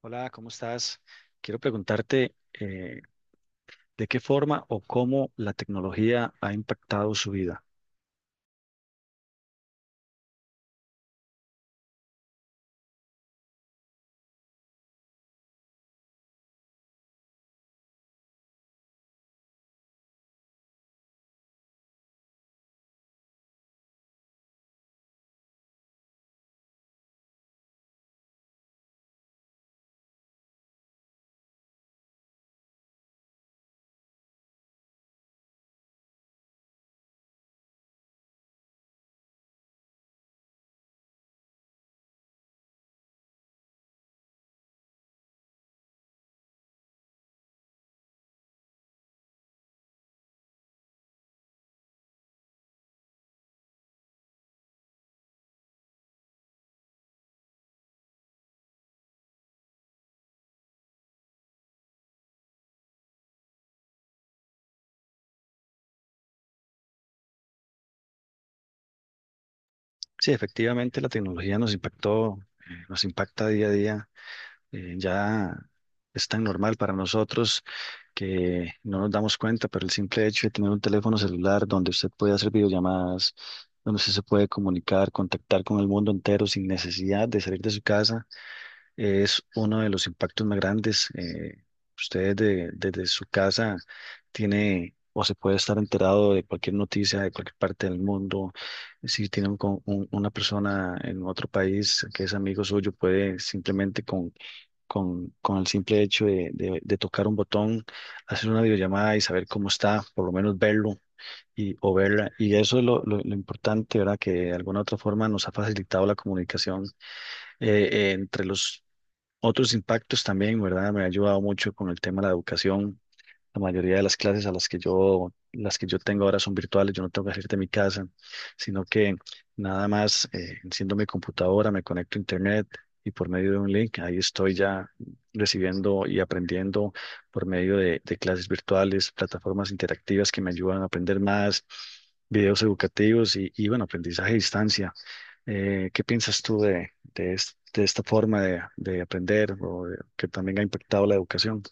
Hola, ¿cómo estás? Quiero preguntarte de qué forma o cómo la tecnología ha impactado su vida. Sí, efectivamente la tecnología nos impactó, nos impacta día a día. Ya es tan normal para nosotros que no nos damos cuenta, pero el simple hecho de tener un teléfono celular donde usted puede hacer videollamadas, donde usted se puede comunicar, contactar con el mundo entero sin necesidad de salir de su casa es uno de los impactos más grandes. Usted desde su casa tiene o se puede estar enterado de cualquier noticia de cualquier parte del mundo. Si tiene una persona en otro país que es amigo suyo, puede simplemente con el simple hecho de tocar un botón, hacer una videollamada y saber cómo está, por lo menos verlo. Y, o verla, y eso es lo importante, ¿verdad? Que de alguna otra forma nos ha facilitado la comunicación. Entre los otros impactos también, ¿verdad? Me ha ayudado mucho con el tema de la educación. La mayoría de las clases a las las que yo tengo ahora son virtuales, yo no tengo que salir de mi casa, sino que nada más enciendo mi computadora, me conecto a internet y por medio de un link, ahí estoy ya recibiendo y aprendiendo por medio de clases virtuales, plataformas interactivas que me ayudan a aprender más, videos educativos y bueno, aprendizaje a distancia. ¿Qué piensas tú de esta forma de aprender que también ha impactado la educación?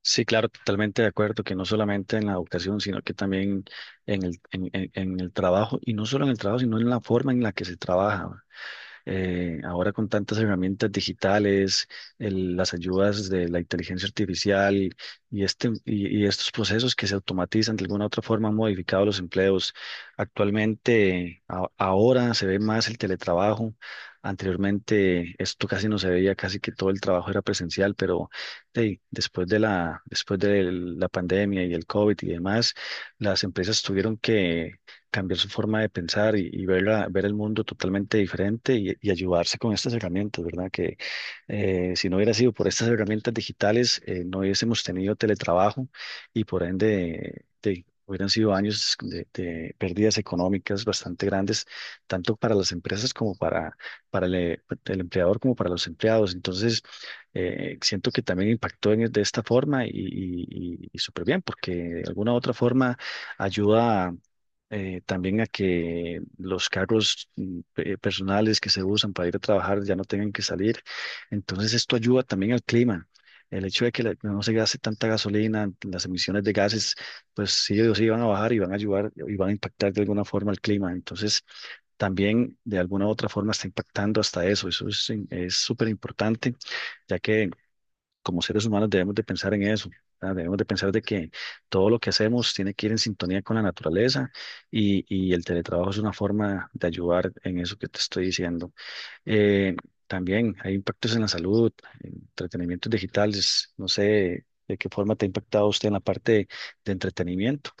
Sí, claro, totalmente de acuerdo, que no solamente en la educación, sino que también en el trabajo, y no solo en el trabajo, sino en la forma en la que se trabaja. Ahora con tantas herramientas digitales, las ayudas de la inteligencia artificial y, este, y estos procesos que se automatizan de alguna u otra forma han modificado los empleos. Actualmente, ahora se ve más el teletrabajo. Anteriormente esto casi no se veía, casi que todo el trabajo era presencial, pero hey, después de la pandemia y el COVID y demás, las empresas tuvieron que cambiar su forma de pensar y ver, ver el mundo totalmente diferente y ayudarse con estas herramientas, ¿verdad? Que si no hubiera sido por estas herramientas digitales, no hubiésemos tenido teletrabajo y por ende hubieran sido años de pérdidas económicas bastante grandes, tanto para las empresas como para el empleador como para los empleados. Entonces, siento que también impactó de esta forma y súper bien, porque de alguna u otra forma ayuda a, también a que los carros personales que se usan para ir a trabajar ya no tengan que salir. Entonces esto ayuda también al clima. El hecho de que no se gaste tanta gasolina, las emisiones de gases, pues sí o sí van a bajar y van a ayudar y van a impactar de alguna forma al clima. Entonces también de alguna u otra forma está impactando hasta eso. Eso es súper importante ya que como seres humanos debemos de pensar en eso, ¿verdad? Debemos de pensar de que todo lo que hacemos tiene que ir en sintonía con la naturaleza y el teletrabajo es una forma de ayudar en eso que te estoy diciendo. Eh, También hay impactos en la salud, en entretenimientos digitales, no sé de qué forma te ha impactado usted en la parte de entretenimiento.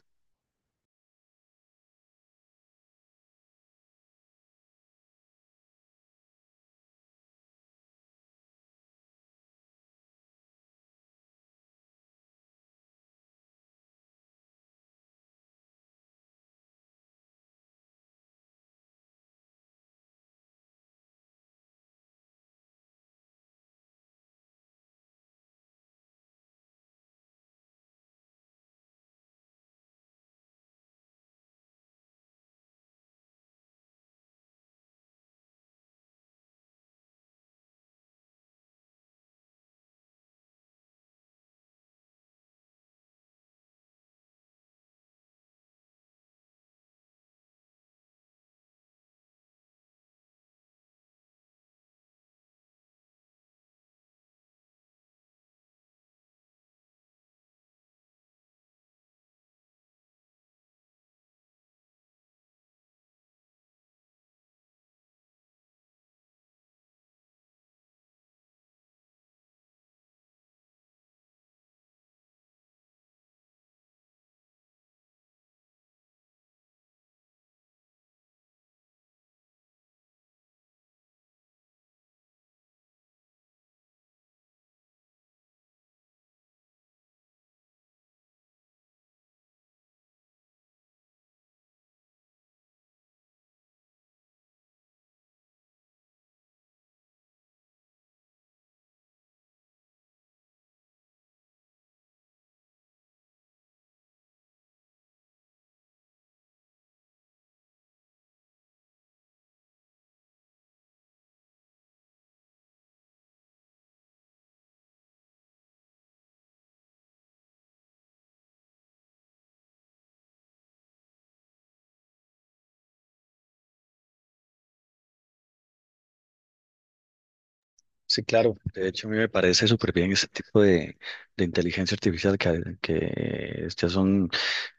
Sí, claro. De hecho, a mí me parece súper bien este tipo de inteligencia artificial que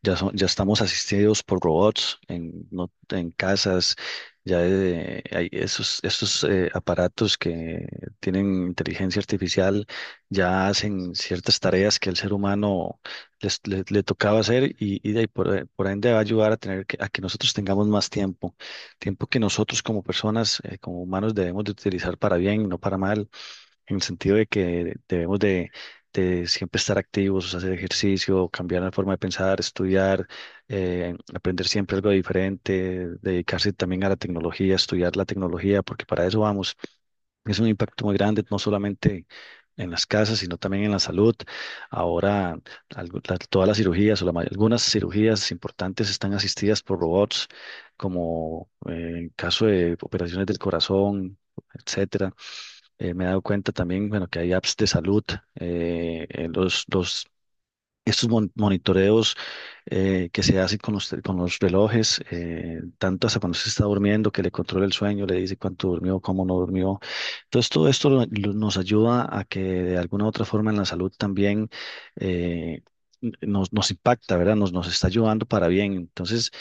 ya son, ya estamos asistidos por robots en, no- en casas, ya hay esos aparatos que tienen inteligencia artificial, ya hacen ciertas tareas que el ser humano le tocaba hacer y de ahí por ende va a ayudar a tener que, a que nosotros tengamos más tiempo tiempo que nosotros como personas, como humanos, debemos de utilizar para bien, no para mal en el sentido de que de siempre estar activos, hacer ejercicio, cambiar la forma de pensar, estudiar, aprender siempre algo diferente, dedicarse también a la tecnología, estudiar la tecnología, porque para eso vamos. Es un impacto muy grande, no solamente en las casas, sino también en la salud. Ahora, todas las cirugías o la algunas cirugías importantes están asistidas por robots, como en caso de operaciones del corazón, etcétera. Me he dado cuenta también, bueno, que hay apps de salud, los estos monitoreos que se hacen con con los relojes, tanto hasta cuando se está durmiendo, que le controla el sueño, le dice cuánto durmió, cómo no durmió. Entonces, todo esto nos ayuda a que de alguna u otra forma en la salud también eh, nos impacta, ¿verdad? Nos está ayudando para bien. Entonces,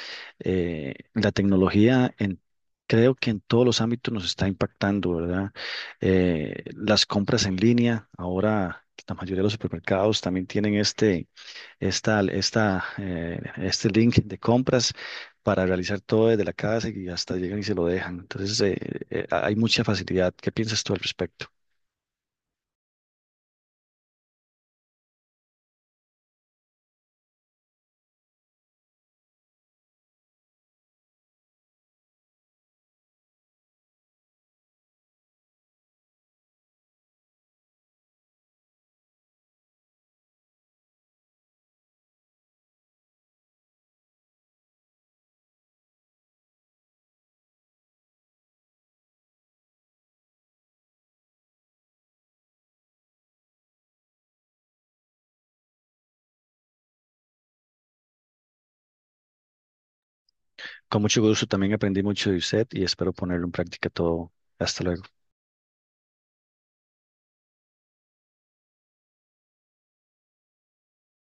la tecnología en... Creo que en todos los ámbitos nos está impactando, ¿verdad? Las compras en línea, ahora la mayoría de los supermercados también tienen este link de compras para realizar todo desde la casa y hasta llegan y se lo dejan. Entonces, hay mucha facilidad. ¿Qué piensas tú al respecto? Con mucho gusto, también aprendí mucho de usted y espero ponerlo en práctica todo. Hasta luego.